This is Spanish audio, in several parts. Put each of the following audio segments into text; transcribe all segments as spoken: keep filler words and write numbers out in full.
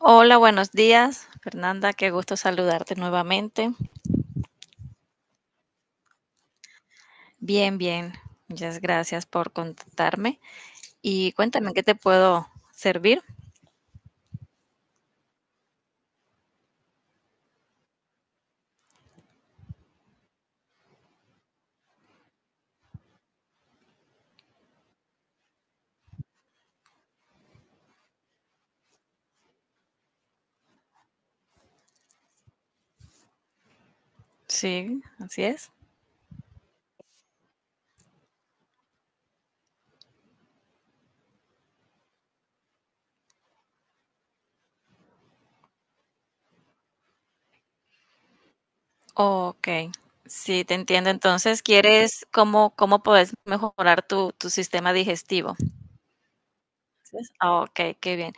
Hola, buenos días, Fernanda. Qué gusto saludarte nuevamente. Bien, bien. Muchas gracias por contactarme. Y cuéntame, ¿en ¿qué te puedo servir? Sí, así es. Ok, sí, te entiendo. Entonces, ¿quieres cómo, cómo puedes mejorar tu, tu sistema digestivo? Así es. Ah, ok, qué bien.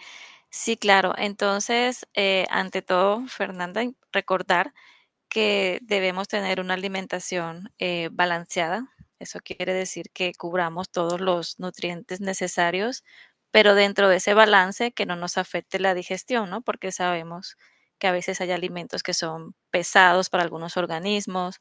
Sí, claro. Entonces, eh, ante todo, Fernanda, recordar que debemos tener una alimentación eh, balanceada. Eso quiere decir que cubramos todos los nutrientes necesarios, pero dentro de ese balance que no nos afecte la digestión, ¿no? Porque sabemos que a veces hay alimentos que son pesados para algunos organismos,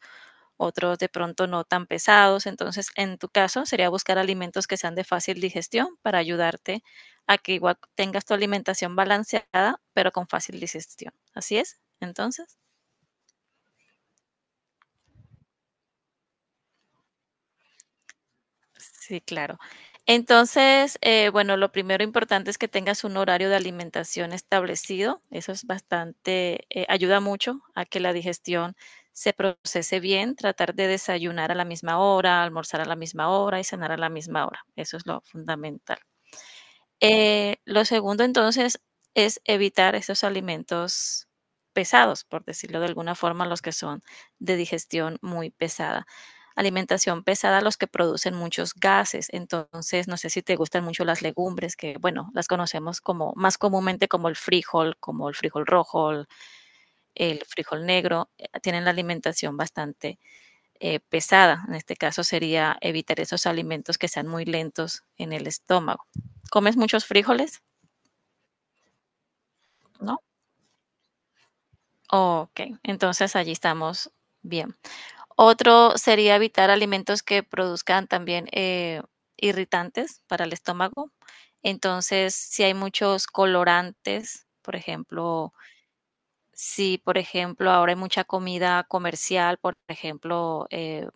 otros de pronto no tan pesados. Entonces, en tu caso, sería buscar alimentos que sean de fácil digestión para ayudarte a que igual tengas tu alimentación balanceada, pero con fácil digestión. ¿Así es? Entonces, sí, claro. Entonces, eh, bueno, lo primero importante es que tengas un horario de alimentación establecido. Eso es bastante, eh, ayuda mucho a que la digestión se procese bien. Tratar de desayunar a la misma hora, almorzar a la misma hora y cenar a la misma hora. Eso es lo fundamental. Eh, lo segundo, entonces, es evitar esos alimentos pesados, por decirlo de alguna forma, los que son de digestión muy pesada. Alimentación pesada, los que producen muchos gases. Entonces, no sé si te gustan mucho las legumbres, que bueno, las conocemos como más comúnmente como el frijol, como el frijol rojo, el, el frijol negro, eh, tienen la alimentación bastante eh, pesada. En este caso sería evitar esos alimentos que sean muy lentos en el estómago. ¿Comes muchos frijoles? ¿No? Ok, entonces allí estamos bien. Otro sería evitar alimentos que produzcan también eh, irritantes para el estómago. Entonces, si hay muchos colorantes, por ejemplo, si por ejemplo ahora hay mucha comida comercial, por ejemplo, eh,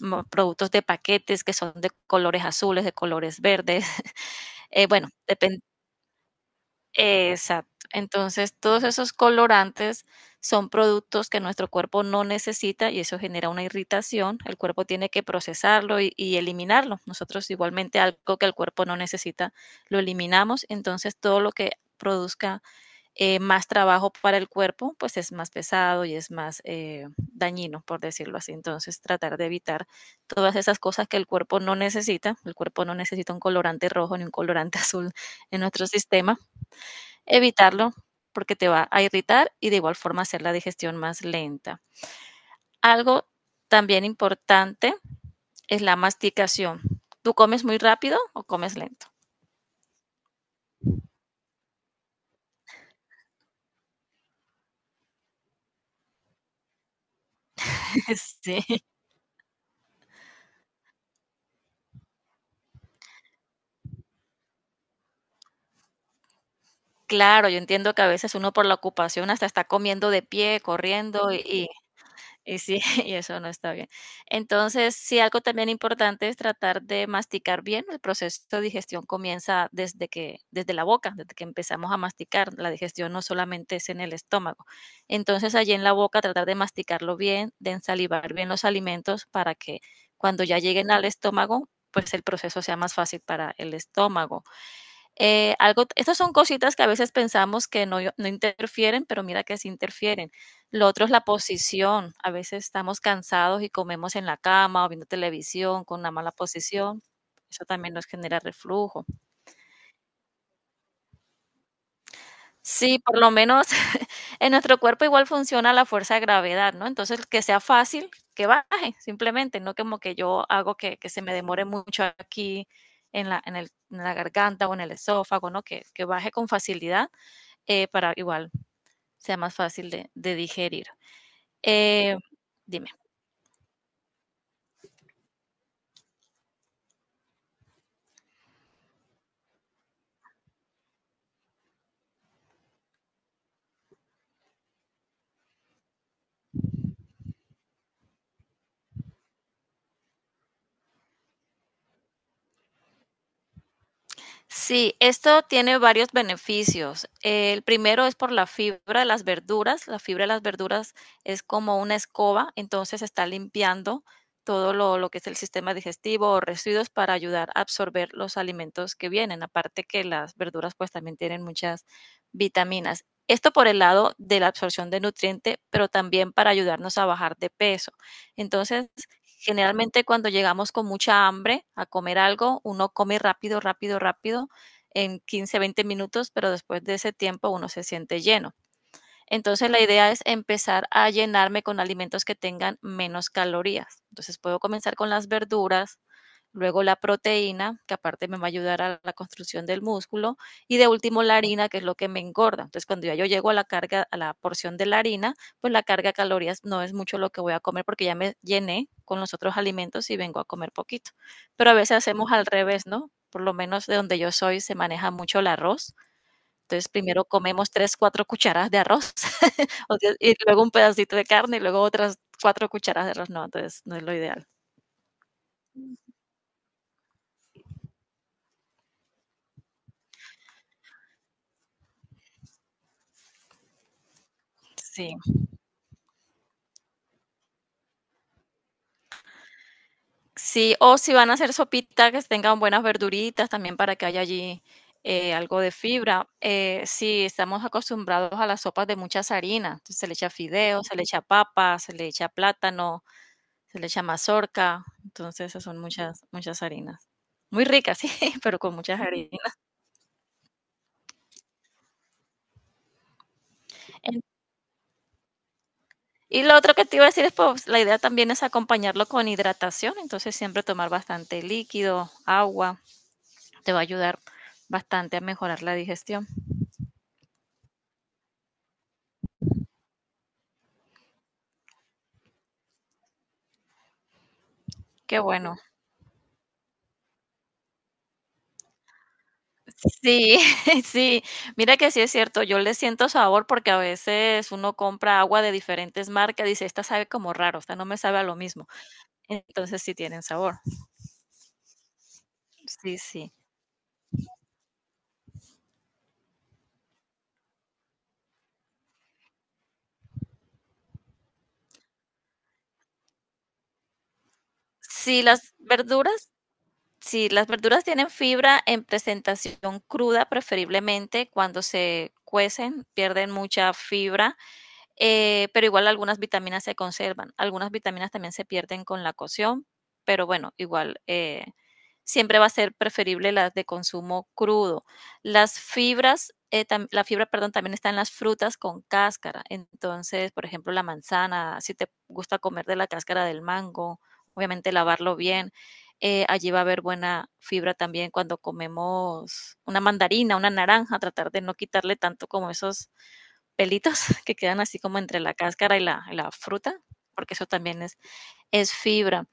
mo- productos de paquetes que son de colores azules, de colores verdes, eh, bueno, Exacto. Entonces, todos esos colorantes son productos que nuestro cuerpo no necesita y eso genera una irritación. El cuerpo tiene que procesarlo y, y eliminarlo. Nosotros igualmente algo que el cuerpo no necesita, lo eliminamos. Entonces, todo lo que produzca eh, más trabajo para el cuerpo, pues es más pesado y es más eh, dañino, por decirlo así. Entonces, tratar de evitar todas esas cosas que el cuerpo no necesita. El cuerpo no necesita un colorante rojo ni un colorante azul en nuestro sistema, evitarlo porque te va a irritar y de igual forma hacer la digestión más lenta. Algo también importante es la masticación. ¿Tú comes muy rápido o comes lento? Sí, claro, yo entiendo que a veces uno por la ocupación hasta está comiendo de pie, corriendo y Y sí, y eso no está bien. Entonces, sí, algo también importante es tratar de masticar bien. El proceso de digestión comienza desde que, desde la boca, desde que empezamos a masticar. La digestión no solamente es en el estómago. Entonces, allí en la boca tratar de masticarlo bien, de ensalivar bien los alimentos para que cuando ya lleguen al estómago, pues el proceso sea más fácil para el estómago. Eh, algo, estas son cositas que a veces pensamos que no, no interfieren, pero mira que sí interfieren. Lo otro es la posición. A veces estamos cansados y comemos en la cama o viendo televisión con una mala posición. Eso también nos genera reflujo. Sí, por lo menos en nuestro cuerpo igual funciona la fuerza de gravedad, ¿no? Entonces, que sea fácil, que baje, simplemente, no como que yo hago que, que se me demore mucho aquí en la, en el- en la garganta o en el esófago, ¿no? Que, que baje con facilidad, eh, para igual sea más fácil de, de digerir. Eh, Dime. Sí, esto tiene varios beneficios. Eh, El primero es por la fibra de las verduras. La fibra de las verduras es como una escoba, entonces está limpiando todo lo, lo que es el sistema digestivo o residuos para ayudar a absorber los alimentos que vienen. Aparte que las verduras pues también tienen muchas vitaminas. Esto por el lado de la absorción de nutriente, pero también para ayudarnos a bajar de peso. Entonces, generalmente cuando llegamos con mucha hambre a comer algo, uno come rápido, rápido, rápido en quince, veinte minutos, pero después de ese tiempo uno se siente lleno. Entonces la idea es empezar a llenarme con alimentos que tengan menos calorías. Entonces puedo comenzar con las verduras, luego la proteína, que aparte me va a ayudar a la construcción del músculo, y de último la harina, que es lo que me engorda. Entonces, cuando ya yo llego a la carga, a la porción de la harina, pues la carga de calorías no es mucho lo que voy a comer porque ya me llené con los otros alimentos y vengo a comer poquito. Pero a veces hacemos al revés, ¿no? Por lo menos de donde yo soy se maneja mucho el arroz. Entonces, primero comemos tres, cuatro cucharadas de arroz y luego un pedacito de carne y luego otras cuatro cucharadas de arroz. No, entonces no es lo ideal. Sí. Sí, o si van a hacer sopita, que tengan buenas verduritas también para que haya allí eh, algo de fibra. Eh, sí, estamos acostumbrados a las sopas de muchas harinas. Entonces se le echa fideo, se le echa papa, se le echa plátano, se le echa mazorca. Entonces esas son muchas, muchas harinas. Muy ricas, sí, pero con muchas harinas. En- Y lo otro que te iba a decir es, pues, la idea también es acompañarlo con hidratación. Entonces siempre tomar bastante líquido, agua, te va a ayudar bastante a mejorar la digestión. Qué bueno. Sí, sí. Mira que sí es cierto, yo le siento sabor porque a veces uno compra agua de diferentes marcas, dice, esta sabe como raro, esta no me sabe a lo mismo. Entonces sí tienen sabor. Sí, sí. Sí, las verduras, sí, las verduras tienen fibra en presentación cruda, preferiblemente cuando se cuecen, pierden mucha fibra. eh, pero igual algunas vitaminas se conservan, algunas vitaminas también se pierden con la cocción, pero bueno, igual, eh, siempre va a ser preferible las de consumo crudo. Las fibras, eh, la fibra, perdón, también está en las frutas con cáscara, entonces, por ejemplo, la manzana, si te gusta comer de la cáscara del mango, obviamente lavarlo bien. Eh, allí va a haber buena fibra también cuando comemos una mandarina, una naranja, tratar de no quitarle tanto como esos pelitos que quedan así como entre la cáscara y la, y la fruta, porque eso también es, es fibra.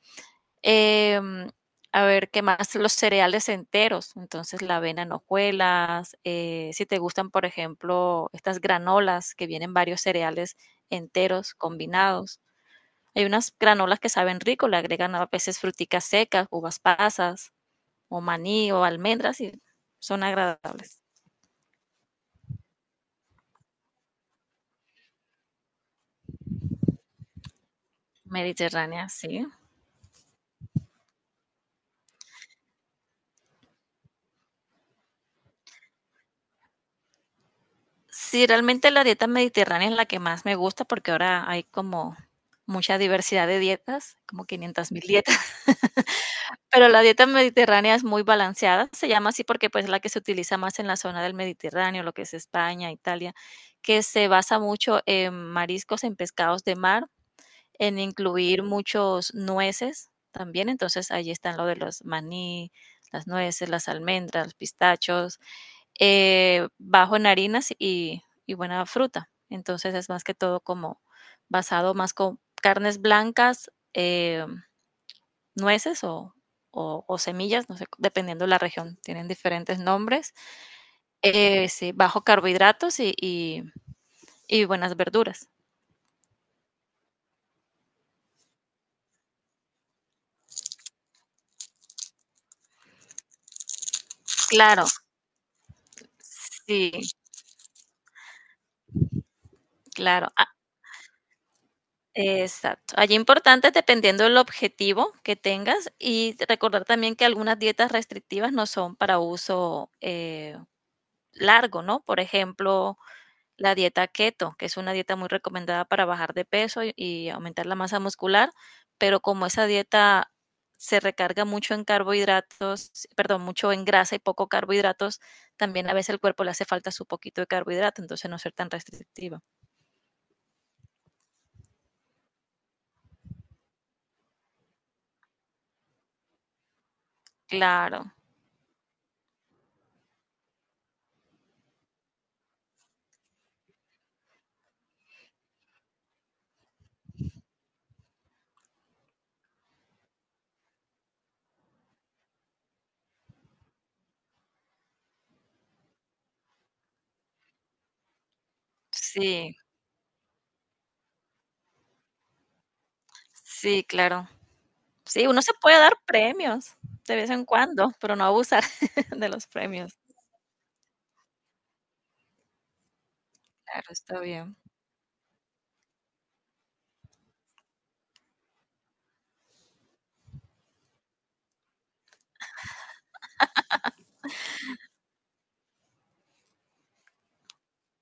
Eh, a ver, ¿qué más? Los cereales enteros, entonces la avena en hojuelas, eh, si te gustan, por ejemplo, estas granolas que vienen varios cereales enteros combinados. Hay unas granolas que saben rico, le agregan a veces fruticas secas, uvas pasas, o maní, o almendras, y son agradables. Mediterránea, sí. Sí, realmente la dieta mediterránea es la que más me gusta porque ahora hay como mucha diversidad de dietas, como quinientas mil dietas, pero la dieta mediterránea es muy balanceada, se llama así porque pues es la que se utiliza más en la zona del Mediterráneo, lo que es España, Italia, que se basa mucho en mariscos, en pescados de mar, en incluir muchos nueces también, entonces ahí están lo de los maní, las nueces, las almendras, los pistachos, eh, bajo en harinas y, y buena fruta. Entonces es más que todo como basado más con carnes blancas, eh, nueces o, o, o semillas, no sé, dependiendo de la región, tienen diferentes nombres. Eh, sí, bajo carbohidratos y, y, y buenas verduras. Claro, sí, claro. Ah, exacto. Allí importante dependiendo del objetivo que tengas y recordar también que algunas dietas restrictivas no son para uso, eh, largo, ¿no? Por ejemplo, la dieta keto, que es una dieta muy recomendada para bajar de peso y y aumentar la masa muscular, pero como esa dieta se recarga mucho en carbohidratos, perdón, mucho en grasa y poco carbohidratos, también a veces el cuerpo le hace falta su poquito de carbohidrato, entonces no ser tan restrictiva. Claro, sí, sí, claro. Sí, uno se puede dar premios de vez en cuando, pero no abusar de los premios. Claro, está bien.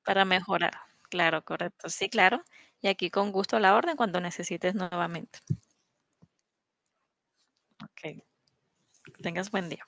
Para mejorar. Claro, correcto. Sí, claro. Y aquí con gusto a la orden cuando necesites nuevamente. Okey, tengas buen día.